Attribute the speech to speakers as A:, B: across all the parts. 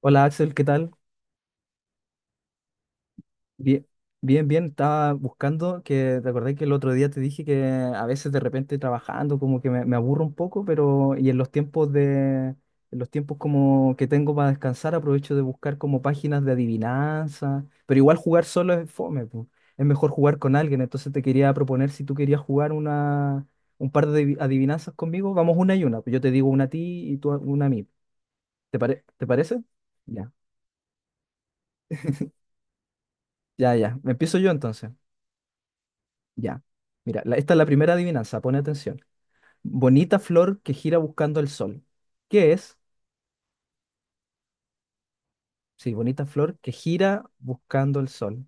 A: Hola Axel, ¿qué tal? Bien, bien, bien. Estaba buscando te acordás que el otro día te dije que a veces de repente trabajando como que me aburro un poco, pero y en los en los tiempos como que tengo para descansar aprovecho de buscar como páginas de adivinanza, pero igual jugar solo es fome, po. Es mejor jugar con alguien. Entonces te quería proponer si tú querías jugar un par de adivinanzas conmigo, vamos una y una. Pues yo te digo una a ti y tú, una a mí. ¿Te parece? Ya, ya. Me empiezo yo entonces. Ya. Mira, esta es la primera adivinanza, pone atención. Bonita flor que gira buscando el sol. ¿Qué es? Sí, bonita flor que gira buscando el sol.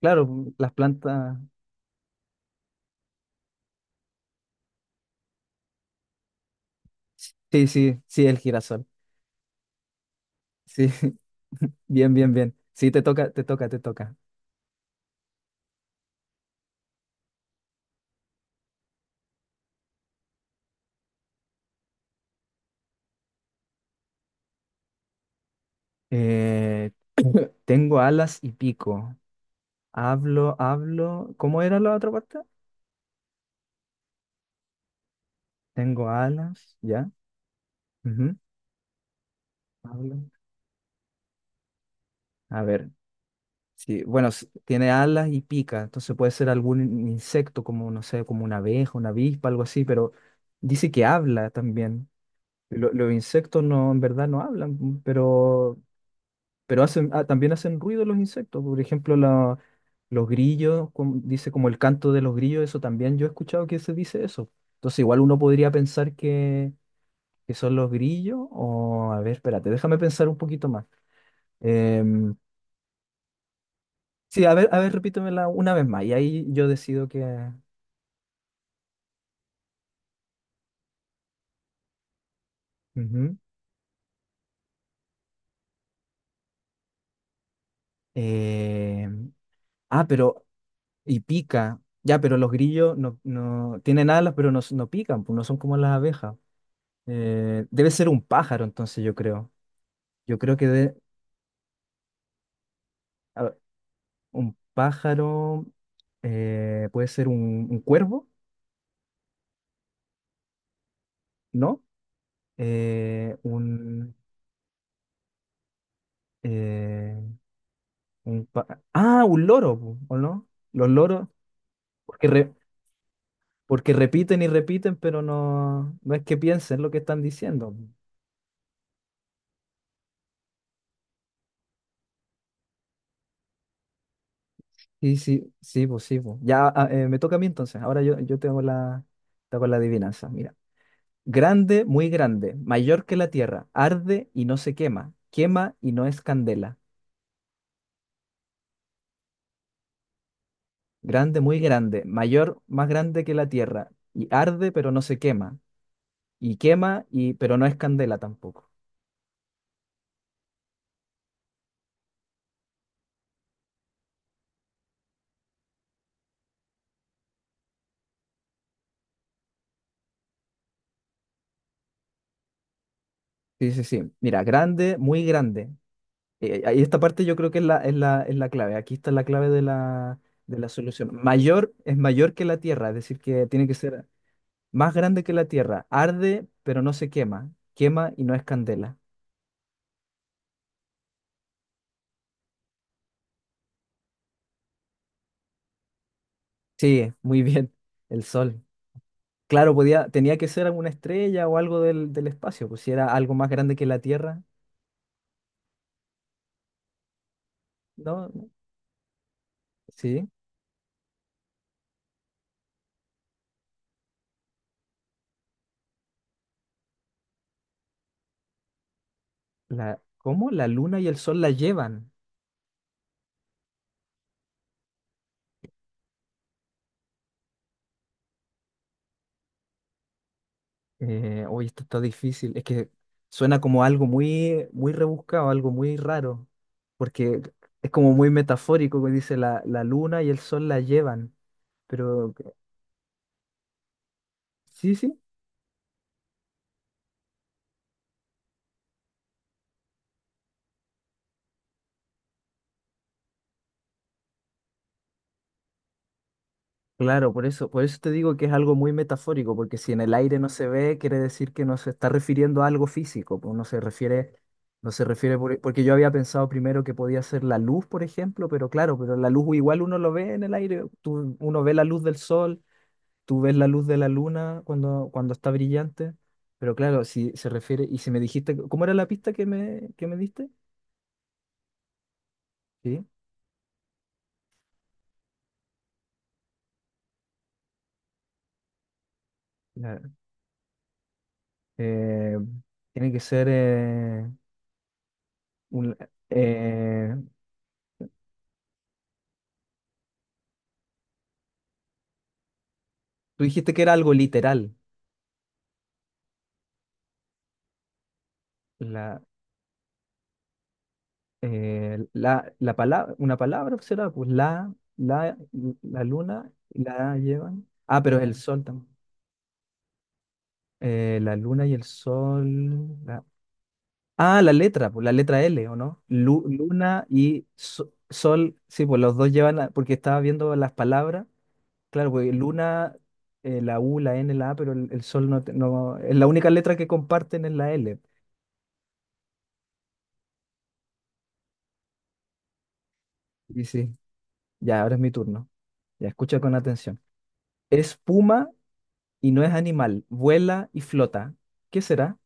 A: Claro, mm, las plantas. Sí, sí, sí, el girasol. Sí, bien, bien, bien. Sí, te toca, te toca, te toca. Eh, tengo alas y pico. Hablo, hablo. ¿Cómo era la otra parte? Tengo alas, ya. Ujú. Hablo. A ver. Sí, bueno, tiene alas y pica, entonces puede ser algún insecto como, no sé, como una abeja, una avispa, algo así, pero dice que habla también. Los insectos no, en verdad no hablan, pero hacen, ah, también hacen ruido los insectos. Por ejemplo, los grillos, dice como el canto de los grillos, eso también yo he escuchado que se dice eso. Entonces igual uno podría pensar que son los grillos, o a ver, espérate, déjame pensar un poquito más. Em, Sí, a ver, repítemela una vez más. Y ahí yo decido que. Ujú. Eh, ah, pero. Y pica. Ya, pero los grillos no, no tienen alas, pero no, no pican, pues no son como las abejas. Debe ser un pájaro, entonces yo creo. Yo creo que, a ver, un pájaro puede ser un cuervo, ¿no? Eh, un, eh, un loro, pu, ¿o no? Los loros, porque porque repiten y repiten, pero no, no es que piensen lo que están diciendo. Sí, sí, sí, pues sí, pues. Ya ah, me toca a mí entonces. Ahora yo tengo tengo la adivinanza. Mira. Grande, muy grande, mayor que la tierra, arde y no se quema, quema y no es candela. Grande, muy grande, mayor, más grande que la tierra, y arde pero no se quema, y quema pero no es candela tampoco. Sí, sí, sí. Mira, grande, muy grande. Ahí esta parte yo creo que es la clave. Aquí está la clave de de la solución. Mayor es mayor que la Tierra, es decir, que tiene que ser más grande que la Tierra. Arde, pero no se quema. Quema y no es candela. Sí, muy bien. El Sol. Claro, podía, tenía que ser alguna estrella o algo del espacio, pues si era algo más grande que la Tierra, ¿no? Sí. ¿Cómo? La Luna y el Sol la llevan. Uy, esto está difícil. Es que suena como algo muy, muy rebuscado, algo muy raro, porque es como muy metafórico que dice la luna y el sol la llevan. Pero sí, sí, claro, por eso te digo que es algo muy metafórico, porque si en el aire no se ve, quiere decir que no se está refiriendo a algo físico, pues no se refiere, no se refiere porque yo había pensado primero que podía ser la luz, por ejemplo, pero claro, pero la luz igual uno lo ve en el aire, uno ve la luz del sol, tú ves la luz de la luna cuando está brillante, pero claro, si se refiere, y si me dijiste, ¿cómo era la pista que que me diste? Sí, la- eh, tiene que ser, un- eh, tú dijiste que era algo literal, la, la palabra, una palabra será, pues la luna, la llevan, ah, pero el sol también. La luna y el sol. Ah, la letra, pues la letra L, ¿o no? Luna y sol, sí, pues los dos llevan, porque estaba viendo las palabras, claro, pues luna, la U, la N, la A, pero el sol no, no, es la única letra que comparten es la L. Y sí, ya, ahora es mi turno. Ya, escucha con atención. Es puma y no es animal, vuela y flota. ¿Qué será?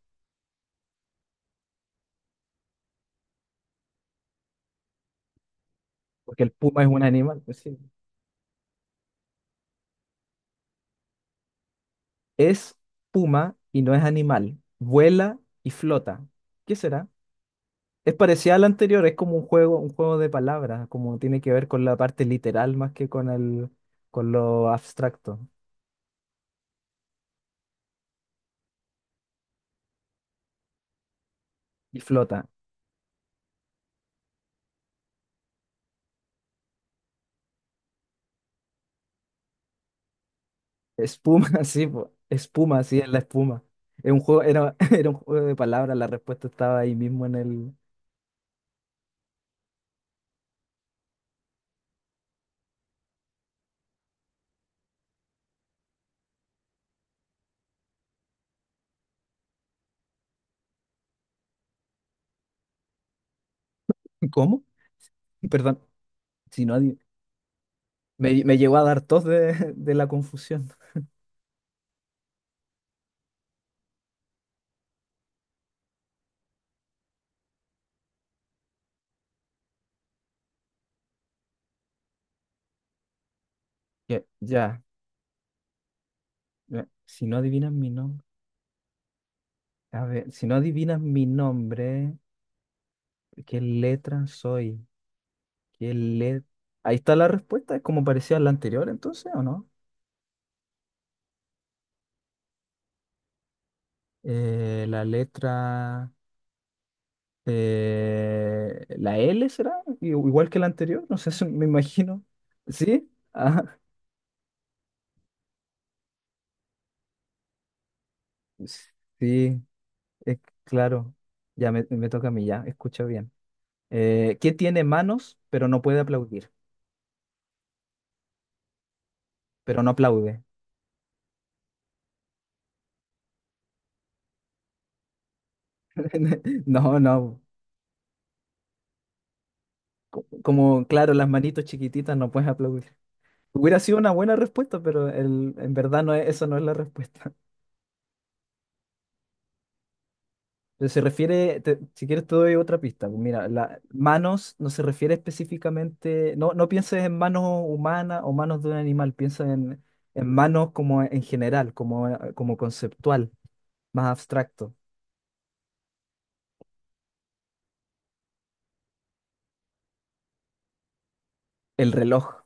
A: Porque el puma es un animal, pues sí. Es puma y no es animal, vuela y flota. ¿Qué será? Es parecida al anterior, es como un juego de palabras, como tiene que ver con la parte literal más que con con lo abstracto. Y flota. Espuma, sí, po. Espuma, sí, es la espuma. Es un juego, era, era un juego de palabras, la respuesta estaba ahí mismo en el. ¿Cómo? Perdón. Si no adi- Me llegó a dar tos de, de la confusión. Ya, ya, ya. Si no adivinas mi nombre. A ver, si no adivinas mi nombre, ¿qué letra soy? ¿Qué le- Ahí está la respuesta, es como parecía la anterior entonces, ¿o no? Eh, la letra, la L será, igual que la anterior, no sé, me imagino. ¿Sí? Ah, sí, es claro. Ya me toca a mí, ya, escucha bien. ¿Qué tiene manos pero no puede aplaudir? Pero no aplaude. No, no. Como, claro, las manitos chiquititas no puedes aplaudir. Hubiera sido una buena respuesta, pero en verdad no es, eso no es la respuesta. Pero se refiere, si quieres te doy otra pista. Pues mira, manos no se refiere específicamente, no, no pienses en manos humanas o manos de un animal, piensa en manos como en general, como, como conceptual, más abstracto. El reloj,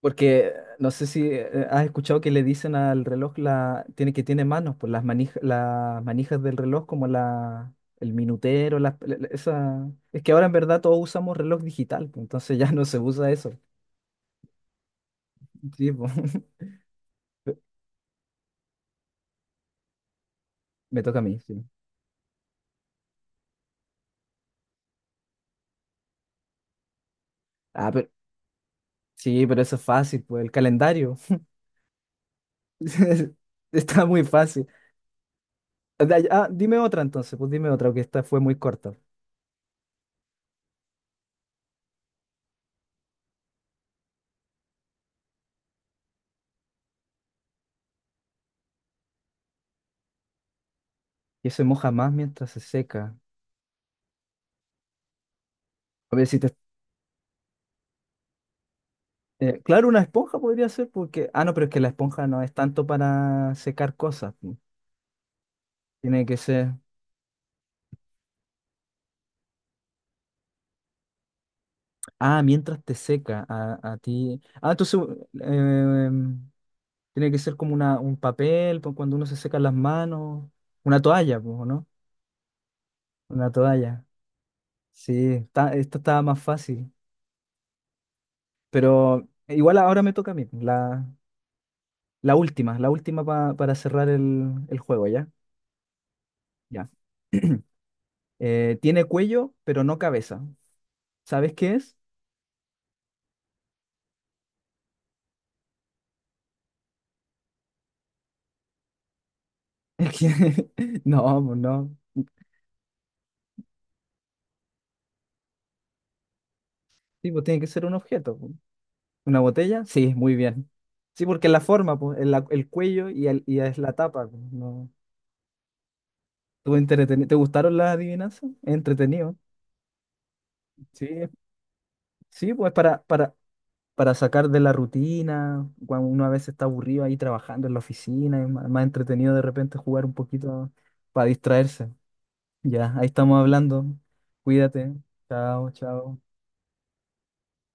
A: porque no sé si has escuchado que le dicen al reloj tiene, que tiene manos, pues las manijas del reloj como el minutero, esa... Es que ahora en verdad todos usamos reloj digital, pues, entonces ya no se usa eso. Sí, pues. Me toca a mí, sí. Ah, pero sí, pero eso es fácil, pues el calendario. Está muy fácil. Dime otra entonces, pues dime otra, que esta fue muy corta. Y se moja más mientras se seca. A ver si te... claro, una esponja podría ser porque... Ah, no, pero es que la esponja no es tanto para secar cosas. Pu. Tiene que ser... Ah, mientras te seca a ti. Ah, entonces eh, tiene que ser como un papel, pues, cuando uno se seca las manos. Una toalla, pues, ¿o no? Una toalla. Sí, está, esta estaba más fácil. Pero igual ahora me toca a mí. La última para cerrar el juego, ¿ya? Ya. Tiene cuello, pero no cabeza. ¿Sabes qué es? No, pues no. Sí, pues tiene que ser un objeto. Pues. ¿Una botella? Sí, muy bien. Sí, porque la forma, pues, el cuello y, y es la tapa. Pues, no. ¿Te gustaron las adivinanzas? Entretenido. Sí, sí, pues para sacar de la rutina, cuando uno a veces está aburrido ahí trabajando en la oficina, es más entretenido de repente jugar un poquito para distraerse. Ya, ahí estamos hablando. Cuídate. Chao, chao.